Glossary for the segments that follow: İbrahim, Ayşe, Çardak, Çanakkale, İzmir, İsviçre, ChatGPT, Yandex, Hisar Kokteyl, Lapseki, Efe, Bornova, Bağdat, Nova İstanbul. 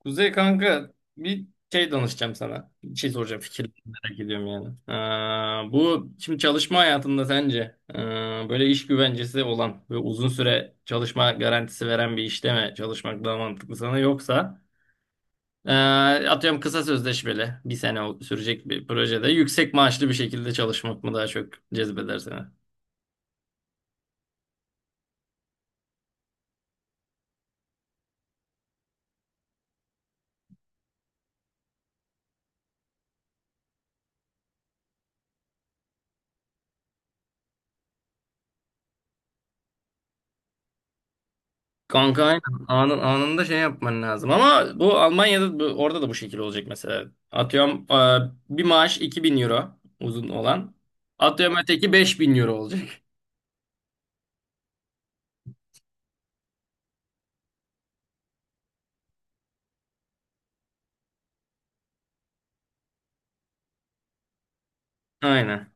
Kuzey kanka bir şey danışacağım sana. Bir şey soracağım fikir merak ediyorum yani. Bu şimdi çalışma hayatında sence böyle iş güvencesi olan ve uzun süre çalışma garantisi veren bir işte mi çalışmak daha mantıklı sana yoksa ee, atıyorum kısa sözleşmeli bir sene sürecek bir projede yüksek maaşlı bir şekilde çalışmak mı daha çok cezbeder seni? Kanka aynen. Anında şey yapman lazım. Ama bu Almanya'da bu, orada da bu şekilde olacak mesela. Atıyorum bir maaş 2.000 euro uzun olan. Atıyorum öteki 5.000 euro olacak. Aynen.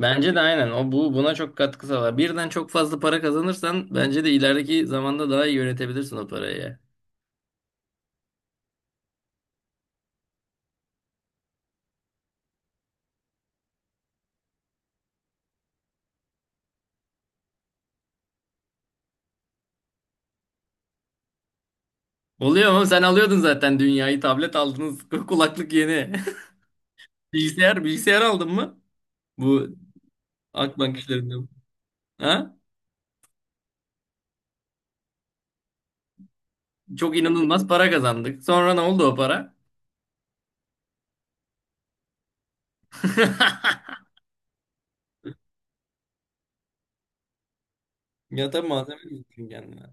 Bence de aynen. O buna çok katkı sağlar. Birden çok fazla para kazanırsan bence de ilerideki zamanda daha iyi yönetebilirsin o parayı. Oluyor mu? Sen alıyordun zaten dünyayı. Tablet aldınız. Kulaklık yeni. Bilgisayar aldın mı? Bu Akbank işlerinde. Ha? Çok inanılmaz para kazandık. Sonra ne oldu o para? Ya tabii malzeme getirdin kendine.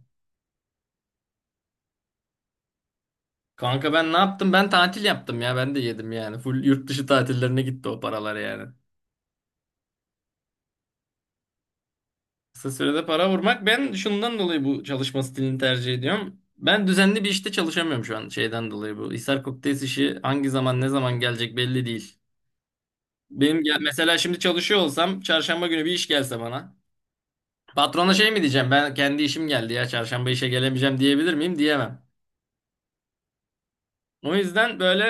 Kanka ben ne yaptım? Ben tatil yaptım ya. Ben de yedim yani. Full yurt dışı tatillerine gitti o paralar yani. Kısa sürede para vurmak. Ben şundan dolayı bu çalışma stilini tercih ediyorum. Ben düzenli bir işte çalışamıyorum şu an şeyden dolayı bu. Hisar Kokteyl işi hangi zaman ne zaman gelecek belli değil. Benim mesela şimdi çalışıyor olsam çarşamba günü bir iş gelse bana. Patrona şey mi diyeceğim? Ben kendi işim geldi ya çarşamba işe gelemeyeceğim diyebilir miyim? Diyemem. O yüzden böyle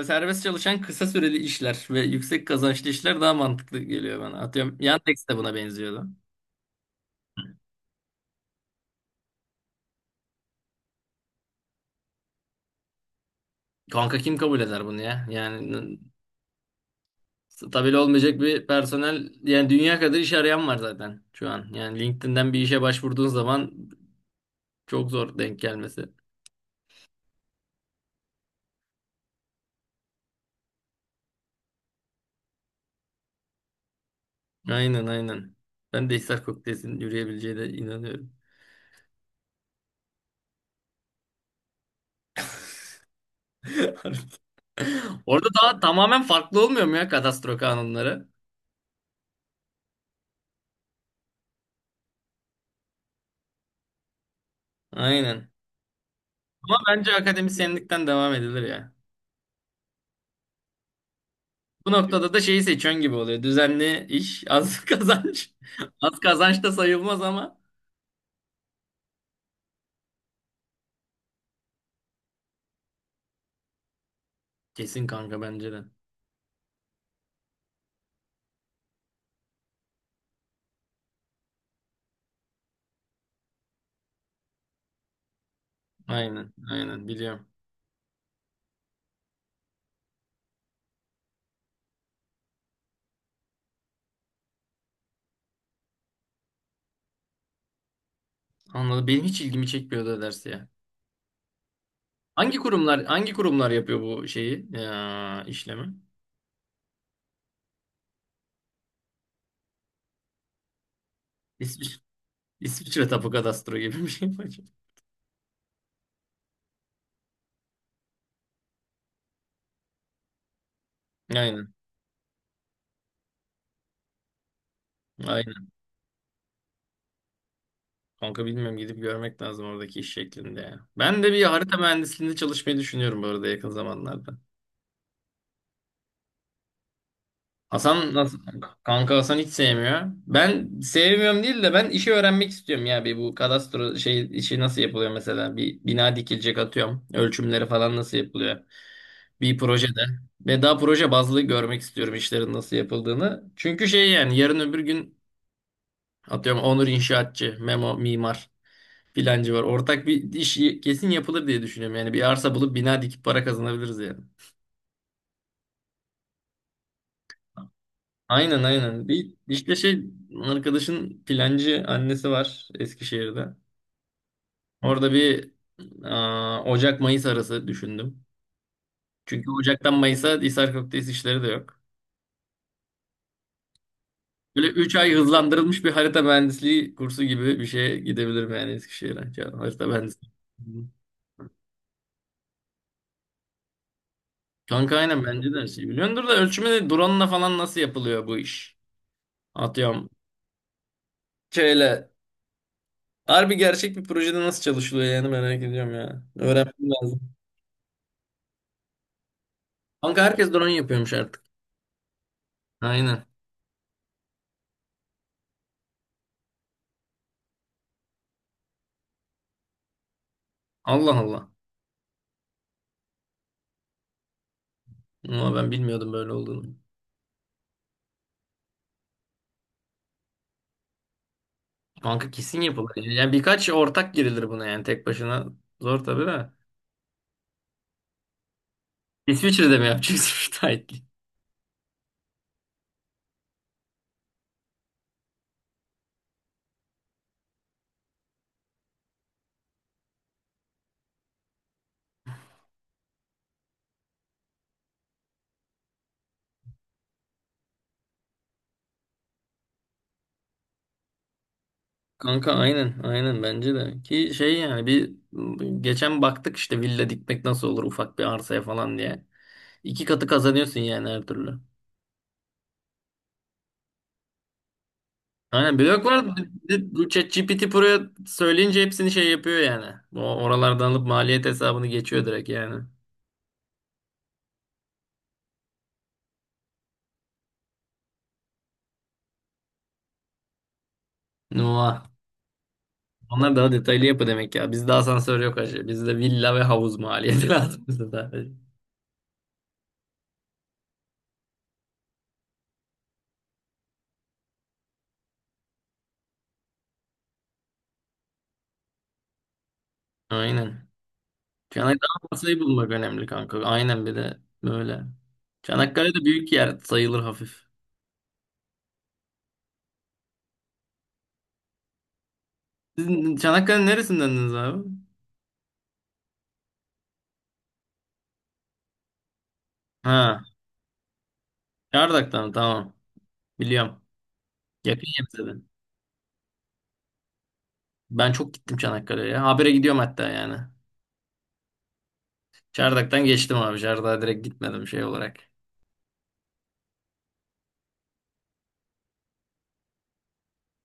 serbest çalışan kısa süreli işler ve yüksek kazançlı işler daha mantıklı geliyor bana. Atıyorum Yandex de buna benziyordu. Kanka kim kabul eder bunu ya? Yani stabil olmayacak bir personel yani dünya kadar iş arayan var zaten şu an. Yani LinkedIn'den bir işe başvurduğun zaman çok zor denk gelmesi. Aynen aynen. Ben de Hisar Kokteys'in yürüyebileceğine inanıyorum. Orada daha tamamen farklı olmuyor mu ya kadastro kanunları? Aynen. Ama bence akademisyenlikten devam edilir ya. Bu noktada da şeyi seçen gibi oluyor. Düzenli iş, az kazanç. Az kazanç da sayılmaz ama. Kesin kanka bence de. Aynen, aynen biliyorum. Anladım. Benim hiç ilgimi çekmiyordu o ders ya. Hangi kurumlar yapıyor bu şeyi? Ya, işlemi. İsviçre, İsviçre Tapu Kadastro gibi bir şey mi acaba? Aynen. Aynen. Kanka bilmiyorum gidip görmek lazım oradaki iş şeklinde ya. Ben de bir harita mühendisliğinde çalışmayı düşünüyorum bu arada yakın zamanlarda. Hasan nasıl? Kanka Hasan hiç sevmiyor. Ben sevmiyorum değil de ben işi öğrenmek istiyorum ya. Bir bu kadastro şey işi nasıl yapılıyor mesela? Bir bina dikilecek atıyorum. Ölçümleri falan nasıl yapılıyor? Bir projede. Ve daha proje bazlı görmek istiyorum işlerin nasıl yapıldığını. Çünkü şey yani yarın öbür gün atıyorum Onur inşaatçı, Memo mimar filancı var. Ortak bir iş kesin yapılır diye düşünüyorum. Yani bir arsa bulup bina dikip para kazanabiliriz yani. Aynen aynen. Bir işte şey arkadaşın plancı annesi var Eskişehir'de. Orada Ocak-Mayıs arası düşündüm. Çünkü Ocak'tan Mayıs'a Hisar Köftesi işleri de yok. Böyle 3 ay hızlandırılmış bir harita mühendisliği kursu gibi bir şeye gidebilirim yani Eskişehir'e. Ya, harita mühendisliği. Kanka aynen bence de her şeyi biliyordur da ölçümde drone'la falan nasıl yapılıyor bu iş? Atıyorum. Şöyle harbi gerçek bir projede nasıl çalışılıyor yani merak ediyorum ya. Öğrenmem lazım. Kanka herkes drone yapıyormuş artık. Aynen. Allah Allah. Ama ben bilmiyordum böyle olduğunu. Kanka kesin yapılır. Yani birkaç ortak girilir buna yani tek başına. Zor tabii de. İsviçre'de mi yapacağız müteahhitliği? Kanka aynen aynen bence de. Ki şey yani bir geçen baktık işte villa dikmek nasıl olur ufak bir arsaya falan diye. İki katı kazanıyorsun yani her türlü. Aynen blok var. Bir de bu ChatGPT buraya söyleyince hepsini şey yapıyor yani. O oralardan alıp maliyet hesabını geçiyor direkt yani. Nuh. Onlar daha detaylı yapı demek ya. Bizde asansör yok acı. Bizde villa ve havuz maliyeti lazım bize sadece. Aynen. Çanakkale masayı bulmak önemli kanka. Aynen bir de böyle. Çanakkale de büyük yer sayılır hafif. Sizin Çanakkale neresindendiniz abi? Ha, Çardak'tan tamam. Biliyorum. Yakın ya bize de. Ben çok gittim Çanakkale'ye. Habire gidiyorum hatta yani. Çardak'tan geçtim abi. Çardak'a direkt gitmedim şey olarak.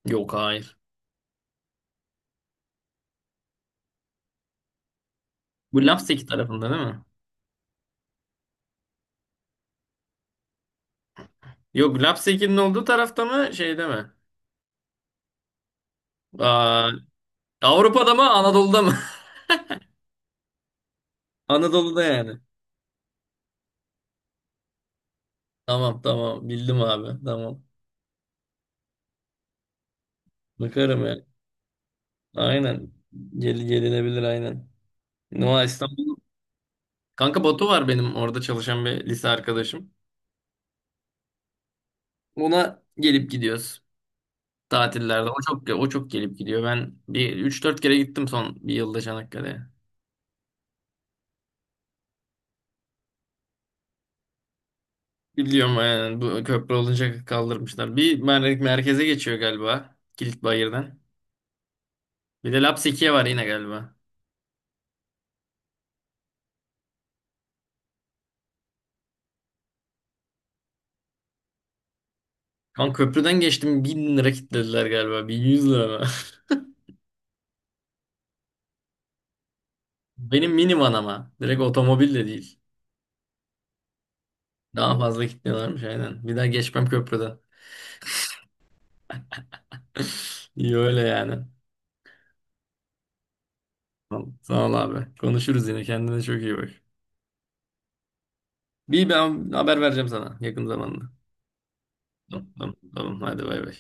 Yok hayır. Bu Lapseki tarafında değil mi? Yok Lapseki'nin olduğu tarafta mı şeyde mi? Aa, Avrupa'da mı Anadolu'da mı? Anadolu'da yani. Tamam tamam bildim abi tamam. Bakarım yani. Aynen. Gel, gelinebilir aynen. Nova İstanbul. Kanka Batu var benim orada çalışan bir lise arkadaşım. Ona gelip gidiyoruz tatillerde. O çok gelip gidiyor. Ben bir üç dört kere gittim son bir yılda Çanakkale'ye. Biliyorum yani bu köprü olunca kaldırmışlar. Bir merkeze geçiyor galiba. Kilitbayır'dan. Bir de Lapseki'ye var yine galiba. Kan köprüden geçtim 1.000 lira kitlediler galiba. 1.100 lira mı? Benim minivan ama. Direkt otomobil de değil. Daha fazla kitliyorlarmış aynen. Bir daha geçmem köprüden. İyi öyle yani. Tamam. Sağ ol abi. Konuşuruz yine. Kendine çok iyi bak. Bir ben haber vereceğim sana yakın zamanda. Tamam tamam. Tamam. Hadi bay bay.